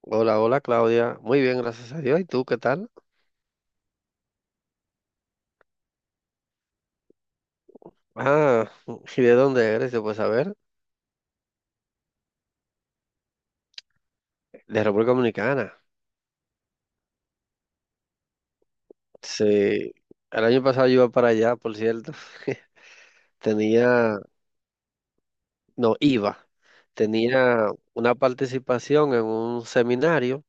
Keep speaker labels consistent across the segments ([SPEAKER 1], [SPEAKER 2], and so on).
[SPEAKER 1] Hola, hola Claudia. Muy bien, gracias a Dios. ¿Y tú qué tal? Ah, ¿y de dónde eres? Yo, pues a ver, de República Dominicana. Sí, el año pasado yo iba para allá, por cierto. Tenía, no, iba. Tenía una participación en un seminario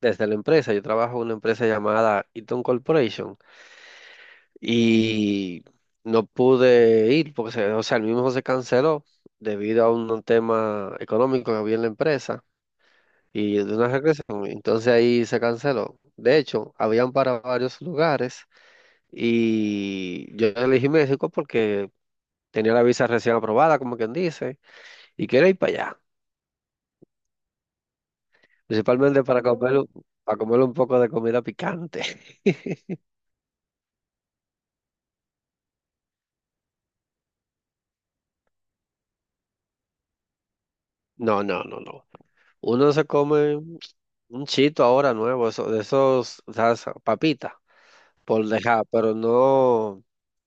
[SPEAKER 1] desde la empresa. Yo trabajo en una empresa llamada Eaton Corporation y no pude ir porque, o sea, el mismo se canceló debido a un tema económico que había en la empresa. Y de una regresión. Entonces ahí se canceló. De hecho, habían para varios lugares y yo elegí México porque tenía la visa recién aprobada, como quien dice, y quería ir para allá, principalmente para comer, para comer un poco de comida picante. No, no, no, no. Uno se come un chito ahora nuevo, eso, de esos, o sea, esa papita, por dejar, pero no.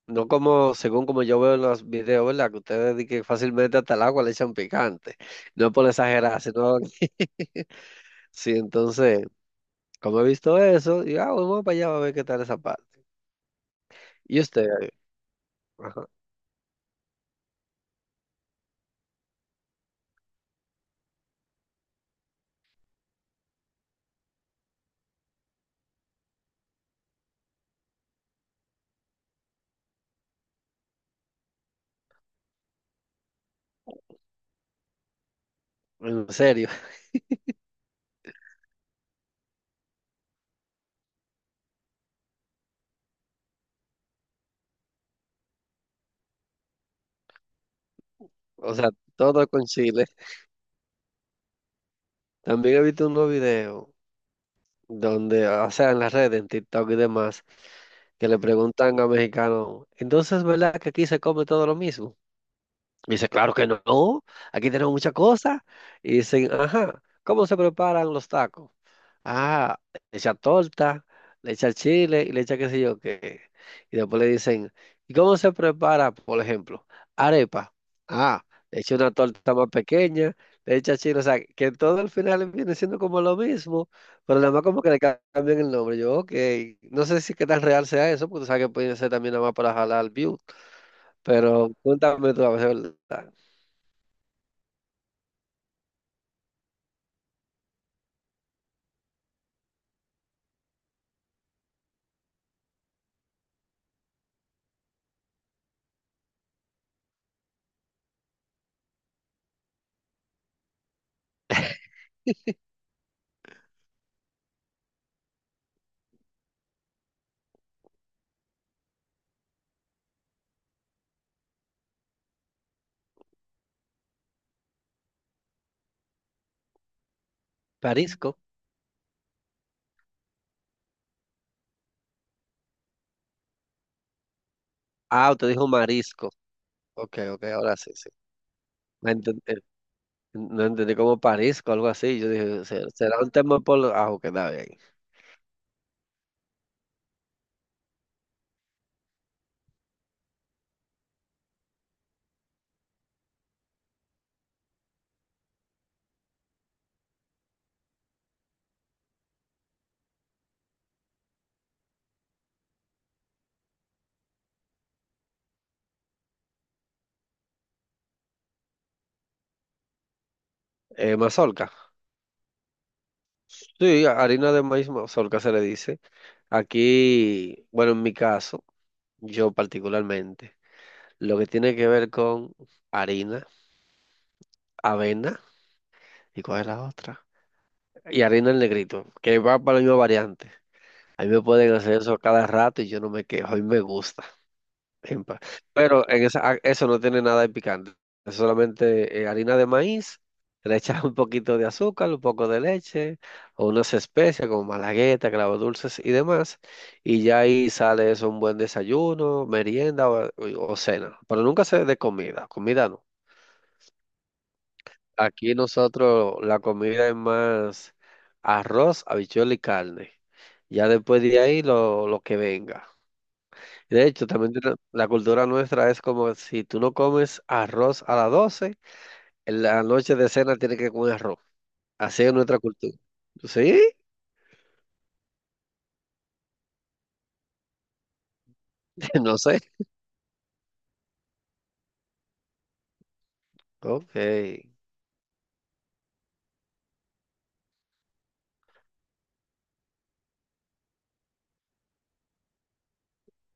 [SPEAKER 1] No como, según como yo veo en los videos, ¿verdad? Que ustedes di que fácilmente hasta el agua le echan picante. No es por exagerar, sino sí, entonces, como he visto eso, digo, ah, vamos para allá a ver qué tal esa parte. Y usted, ajá, en serio, o sea, todo con chile. También he visto unos videos donde, o sea, en las redes, en TikTok y demás, que le preguntan a mexicanos, entonces, ¿verdad que aquí se come todo lo mismo? Y dice, claro que no, aquí tenemos muchas cosas. Y dicen, ajá, ¿cómo se preparan los tacos? Ah, le echa torta, le echa chile y le echa qué sé yo qué. Y después le dicen, ¿y cómo se prepara, por ejemplo, arepa? Ah, le echa una torta más pequeña, le echa chile, o sea, que todo al final viene siendo como lo mismo, pero nada más como que le cambian el nombre. Yo, ok, no sé si qué tan real sea eso, porque tú sabes que puede ser también nada más para jalar view, pero cuéntame tú a ver, ¿verdad? Parisco. Ah, usted dijo marisco. Ok, ok, ahora sí, sí. No enten- eh, no entendí, como parisco, algo así. Yo dije, será un tema por lo-". Ah, ok, está bien. Mazorca. Sí, harina de maíz mazorca se le dice. Aquí, bueno, en mi caso, yo particularmente, lo que tiene que ver con harina, avena, ¿y cuál es la otra? Y harina en negrito, que va para la misma variante. A mí me pueden hacer eso cada rato y yo no me quejo y me gusta. en pa- Pero en esa, eso no tiene nada de picante. Es solamente harina de maíz, le echas un poquito de azúcar, un poco de leche, o unas especias como malagueta, clavos dulces y demás. Y ya ahí sale eso, un buen desayuno, merienda o cena. Pero nunca se de comida, comida no. Aquí nosotros la comida es más arroz, habichuela y carne. Ya después de ahí lo que venga. De hecho, también la cultura nuestra es como si tú no comes arroz a las 12 en la noche de cena tienes que comer arroz. Así es nuestra cultura. ¿Sí? No sé. Ok.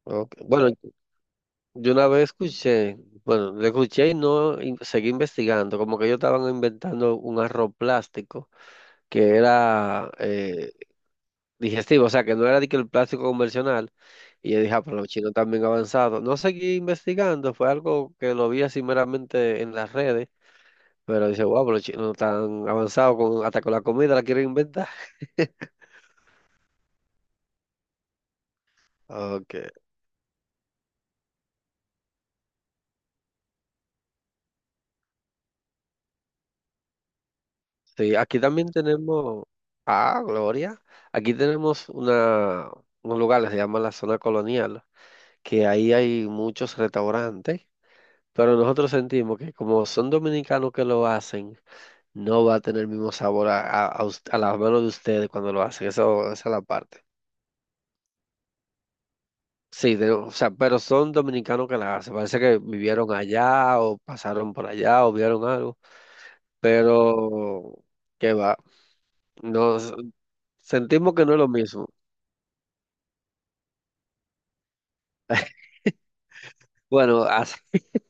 [SPEAKER 1] Ok. Bueno, yo una vez escuché, bueno, lo escuché y no seguí investigando, como que ellos estaban inventando un arroz plástico que era digestivo, o sea, que no era de que el plástico convencional. Y yo dije, ah, pero los chinos también avanzados. No seguí investigando, fue algo que lo vi así meramente en las redes. Pero dice, wow, pero los chinos tan avanzados con, hasta con la comida la quieren inventar. Ok. Sí, aquí también tenemos, ah, Gloria, aquí tenemos un lugar, que se llama la Zona Colonial, que ahí hay muchos restaurantes, pero nosotros sentimos que como son dominicanos que lo hacen, no va a tener el mismo sabor a las manos de ustedes cuando lo hacen, eso, esa es la parte. Sí, o sea, pero son dominicanos que la hacen, parece que vivieron allá o pasaron por allá o vieron algo. Pero qué va. Nos sentimos que no es lo mismo. Bueno,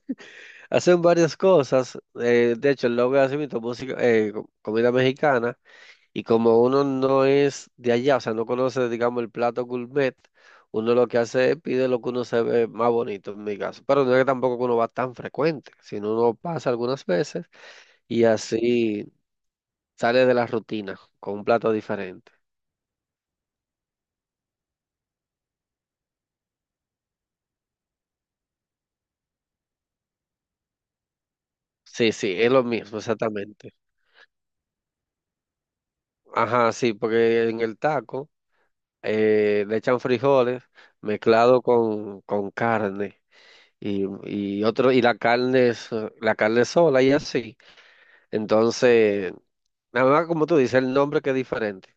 [SPEAKER 1] hacen varias cosas. De hecho, el logo hace mismo música, comida mexicana. Y como uno no es de allá, o sea, no conoce, digamos, el plato gourmet, uno lo que hace es pide lo que uno se ve más bonito, en mi caso. Pero no es que tampoco uno va tan frecuente, sino uno pasa algunas veces y así sale de la rutina con un plato diferente. Sí, sí, es lo mismo, exactamente. Ajá, sí, porque en el taco le echan frijoles mezclado con carne y, y otro y la carne es, la carne sola y así. Entonces, nada más como tú dices, el nombre que es diferente.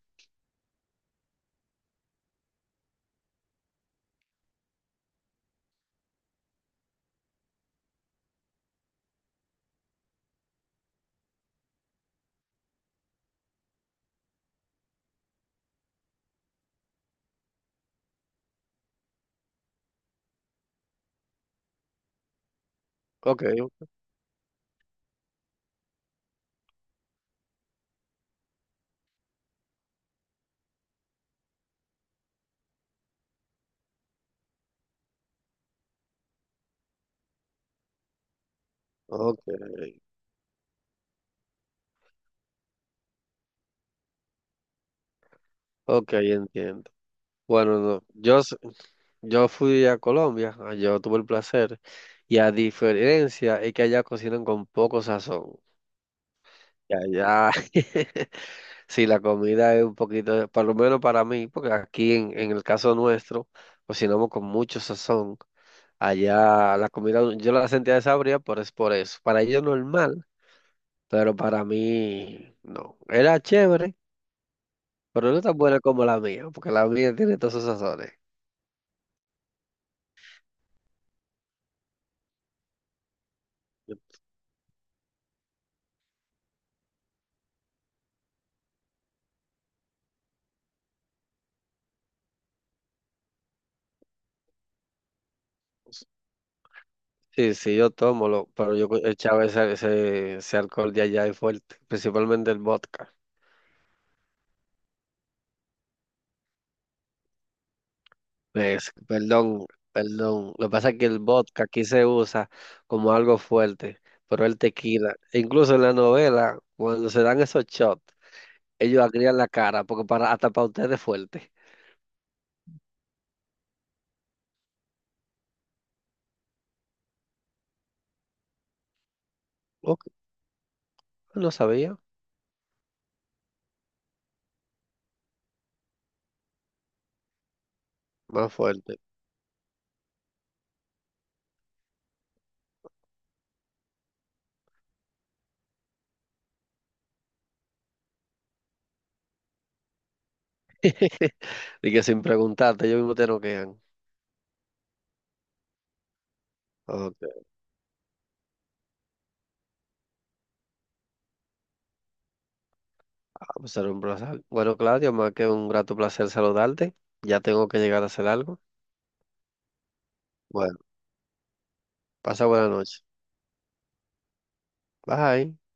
[SPEAKER 1] Ok, ok, ok, entiendo. Bueno, no, yo fui a Colombia, yo tuve el placer y a diferencia es que allá cocinan con poco sazón. Ya, ya. Sí, la comida es un poquito, por lo menos para mí, porque aquí en el caso nuestro, cocinamos con mucho sazón. Allá la comida yo la sentía desabrida, pero es por eso. Para ellos normal, pero para mí no. Era chévere, pero no tan buena como la mía, porque la mía tiene todos esos sazones. Sí, sí, yo tomo, pero yo echaba ese alcohol de allá y fuerte, principalmente el vodka. Perdón, perdón. Lo que pasa es que el vodka aquí se usa como algo fuerte, pero el tequila, e incluso en la novela, cuando se dan esos shots, ellos agrían la cara, porque hasta para ustedes es fuerte. Ok, pues no sabía, más fuerte. Y que sin preguntarte, ellos mismos te noquean. Ok, pues era un placer. Bueno, Claudio, más que un grato placer saludarte. Ya tengo que llegar a hacer algo. Bueno, pasa buena noche. Bye.